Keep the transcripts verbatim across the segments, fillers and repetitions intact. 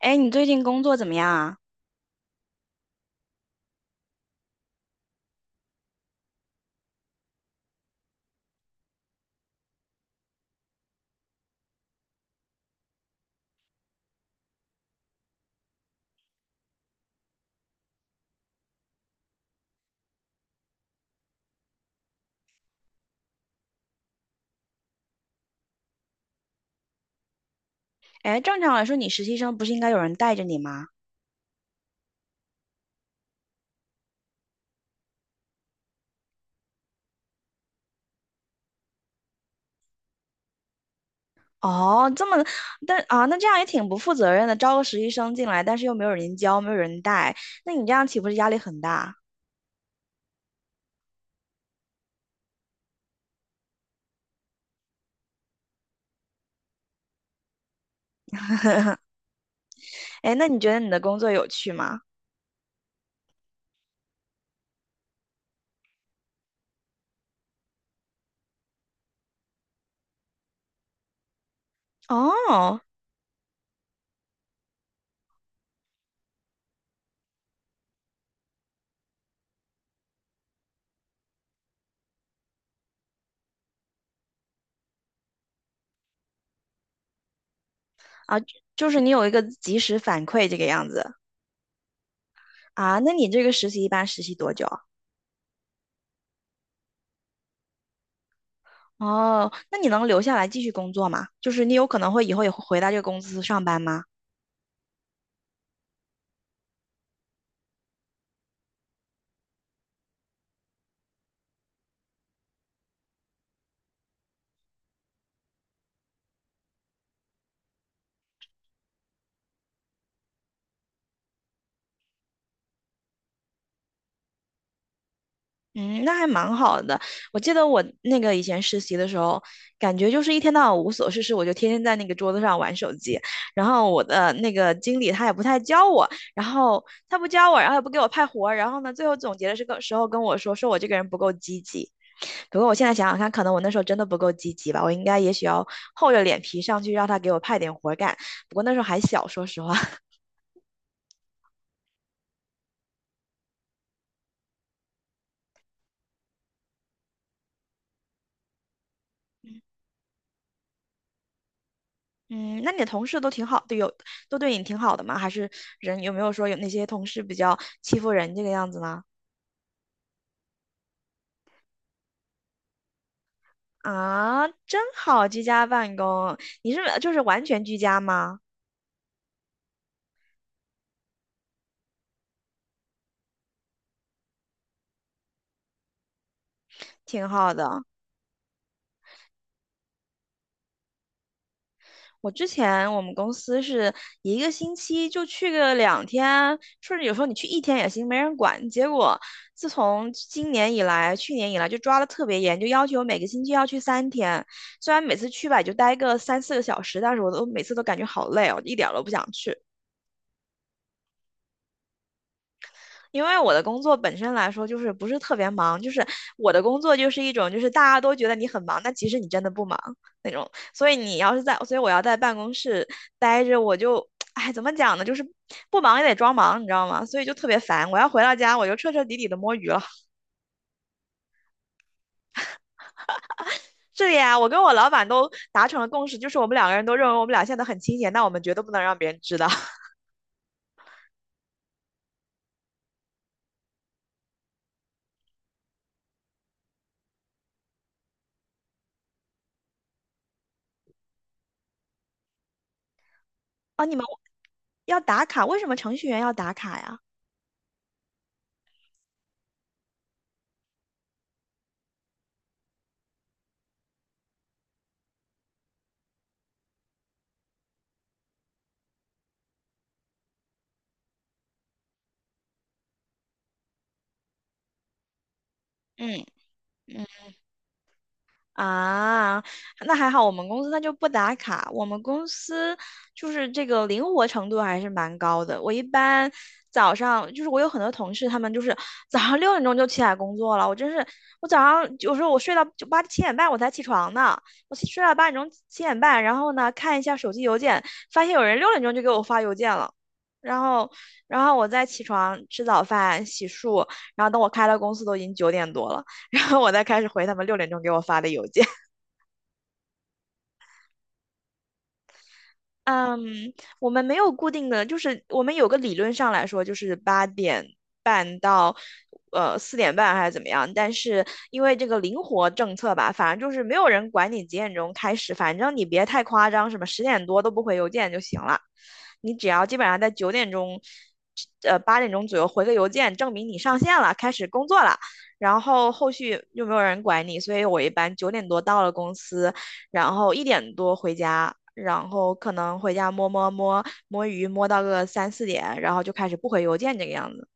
哎，你最近工作怎么样啊？哎，正常来说，你实习生不是应该有人带着你吗？哦，这么，但啊，那这样也挺不负责任的，招个实习生进来，但是又没有人教，没有人带，那你这样岂不是压力很大？哎，那你觉得你的工作有趣吗？哦。啊，就是你有一个及时反馈这个样子。啊，那你这个实习一般实习多久啊？哦，那你能留下来继续工作吗？就是你有可能会以后也会回到这个公司上班吗？嗯，那还蛮好的。我记得我那个以前实习的时候，感觉就是一天到晚无所事事，我就天天在那个桌子上玩手机。然后我的那个经理他也不太教我，然后他不教我，然后也不给我派活儿。然后呢，最后总结的时个时候跟我说，说我这个人不够积极。不过我现在想想看，可能我那时候真的不够积极吧，我应该也许要厚着脸皮上去让他给我派点活儿干。不过那时候还小，说实话。嗯，那你的同事都挺好的，有都对你挺好的吗？还是人有没有说有那些同事比较欺负人这个样子呢？啊，真好，居家办公，你是就是完全居家吗？挺好的。我之前我们公司是一个星期就去个两天，甚至有时候你去一天也行，没人管。结果自从今年以来，去年以来就抓的特别严，就要求每个星期要去三天。虽然每次去吧也就待个三四个小时，但是我都每次都感觉好累哦，一点儿都不想去。因为我的工作本身来说就是不是特别忙，就是我的工作就是一种就是大家都觉得你很忙，但其实你真的不忙那种。所以你要是在，所以我要在办公室待着，我就，哎，怎么讲呢？就是不忙也得装忙，你知道吗？所以就特别烦。我要回到家，我就彻彻底底的摸鱼了。这里啊，我跟我老板都达成了共识，就是我们两个人都认为我们俩现在都很清闲，但我们绝对不能让别人知道。啊，你们要打卡，为什么程序员要打卡呀？嗯嗯。啊，那还好，我们公司它就不打卡。我们公司就是这个灵活程度还是蛮高的。我一般早上就是我有很多同事，他们就是早上六点钟就起来工作了。我真是，我早上有时候我睡到就八七点半我才起床呢，我起睡到八点钟七点半，然后呢看一下手机邮件，发现有人六点钟就给我发邮件了。然后，然后我再起床吃早饭、洗漱，然后等我开了公司都已经九点多了。然后我再开始回他们六点钟给我发的邮件。嗯，我们没有固定的，就是我们有个理论上来说，就是八点半到呃四点半还是怎么样。但是因为这个灵活政策吧，反正就是没有人管你几点钟开始，反正你别太夸张，什么十点多都不回邮件就行了。你只要基本上在九点钟，呃八点钟左右回个邮件，证明你上线了，开始工作了。然后后续又没有人管你，所以我一般九点多到了公司，然后一点多回家，然后可能回家摸摸摸摸鱼，摸到个三四点，然后就开始不回邮件这个样子。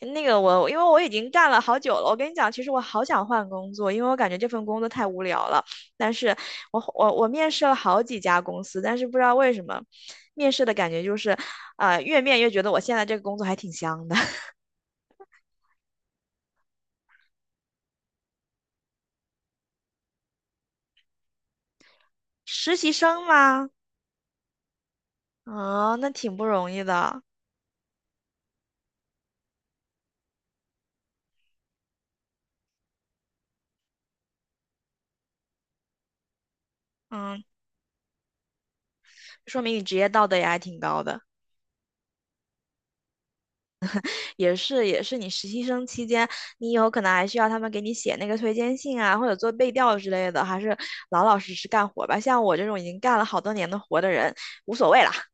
那个我，因为我已经干了好久了，我跟你讲，其实我好想换工作，因为我感觉这份工作太无聊了。但是我我我面试了好几家公司，但是不知道为什么，面试的感觉就是，呃，越面越觉得我现在这个工作还挺香的。实习生吗？啊、那挺不容易的，嗯，说明你职业道德也还挺高的。也是也是你实习生期间，你以后可能还需要他们给你写那个推荐信啊，或者做背调之类的，还是老老实实干活吧。像我这种已经干了好多年的活的人，无所谓啦。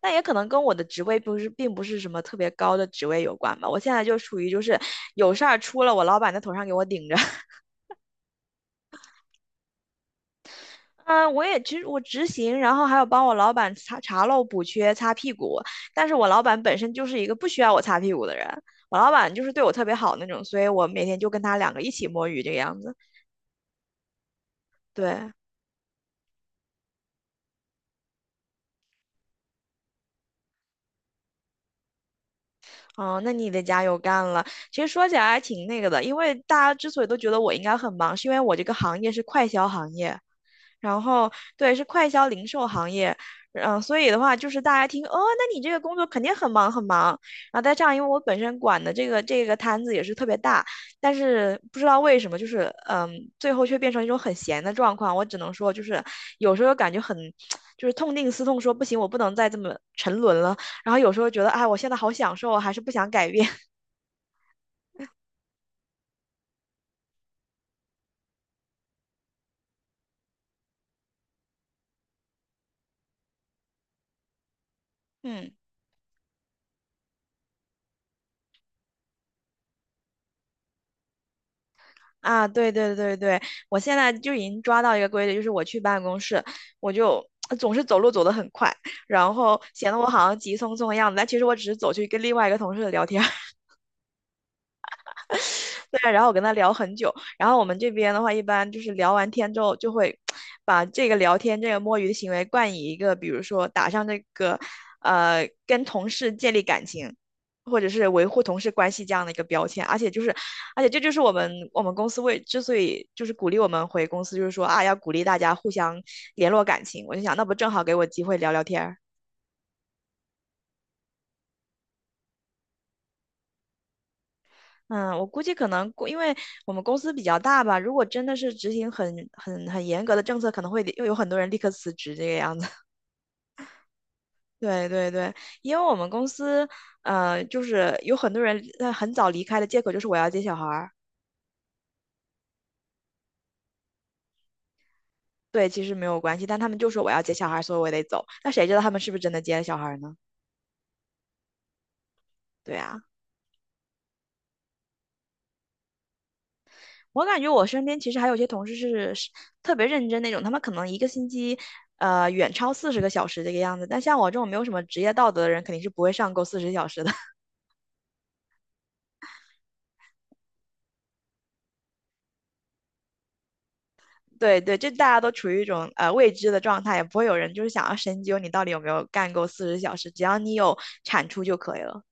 但也可能跟我的职位不是，并不是什么特别高的职位有关吧。我现在就处于就是有事儿出了我老板在头上给我顶着。嗯，我也其实我执行，然后还有帮我老板查查漏补缺、擦屁股。但是我老板本身就是一个不需要我擦屁股的人，我老板就是对我特别好那种，所以我每天就跟他两个一起摸鱼这个样子。对，哦，那你得加油干了。其实说起来还挺那个的，因为大家之所以都觉得我应该很忙，是因为我这个行业是快销行业，然后对，是快销零售行业，嗯、所以的话就是大家听哦，那你这个工作肯定很忙很忙，然后再这样，因为我本身管的这个这个摊子也是特别大，但是不知道为什么，就是嗯，最后却变成一种很闲的状况，我只能说就是有时候感觉很。就是痛定思痛，说不行，我不能再这么沉沦了。然后有时候觉得，哎，我现在好享受啊，还是不想改变。嗯。啊，对对对对，我现在就已经抓到一个规律，就是我去办公室，我就呃总是走路走得很快，然后显得我好像急匆匆的样子，但其实我只是走去跟另外一个同事聊天。对，然后我跟他聊很久，然后我们这边的话，一般就是聊完天之后，就会把这个聊天、这个摸鱼的行为冠以一个，比如说打上这个，呃，跟同事建立感情，或者是维护同事关系这样的一个标签。而且就是，而且这就是我们我们公司为之所以就是鼓励我们回公司，就是说啊，要鼓励大家互相联络感情。我就想，那不正好给我机会聊聊天儿。嗯，我估计可能过，因为我们公司比较大吧，如果真的是执行很很很严格的政策，可能会又有很多人立刻辞职这个样子。对对对，因为我们公司，呃，就是有很多人呃很早离开的借口就是我要接小孩儿。对，其实没有关系，但他们就说我要接小孩儿，所以我得走。那谁知道他们是不是真的接了小孩儿呢？对啊。我感觉我身边其实还有些同事是是特别认真那种，他们可能一个星期，呃，远超四十个小时这个样子。但像我这种没有什么职业道德的人，肯定是不会上够四十小时的。对对，这大家都处于一种呃未知的状态，也不会有人就是想要深究你到底有没有干够四十小时，只要你有产出就可以了。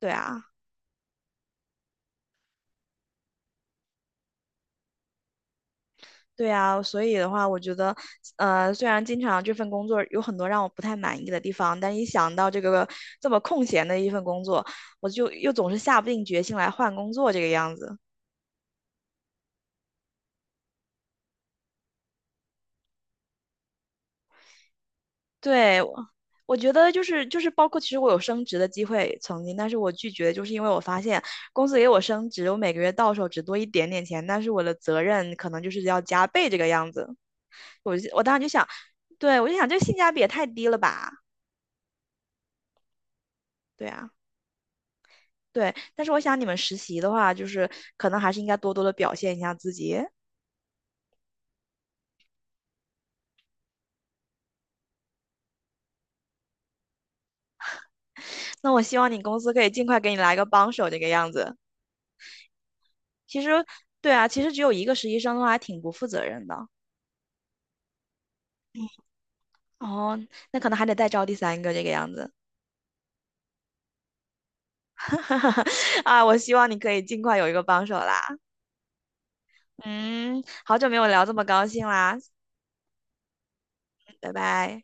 对啊。对啊，所以的话，我觉得，呃，虽然经常这份工作有很多让我不太满意的地方，但一想到这个这么空闲的一份工作，我就又总是下不定决心来换工作这个样子。对，我我觉得就是就是包括其实我有升职的机会曾经，但是我拒绝，就是因为我发现公司给我升职，我每个月到手只多一点点钱，但是我的责任可能就是要加倍这个样子。我就我当时就想，对，我就想这性价比也太低了吧？对啊。对，但是我想你们实习的话，就是可能还是应该多多的表现一下自己。那我希望你公司可以尽快给你来个帮手这个样子。其实，对啊，其实只有一个实习生的话，还挺不负责任的。哦，那可能还得再招第三个这个样子。啊，我希望你可以尽快有一个帮手啦。嗯，好久没有聊这么高兴啦，拜拜。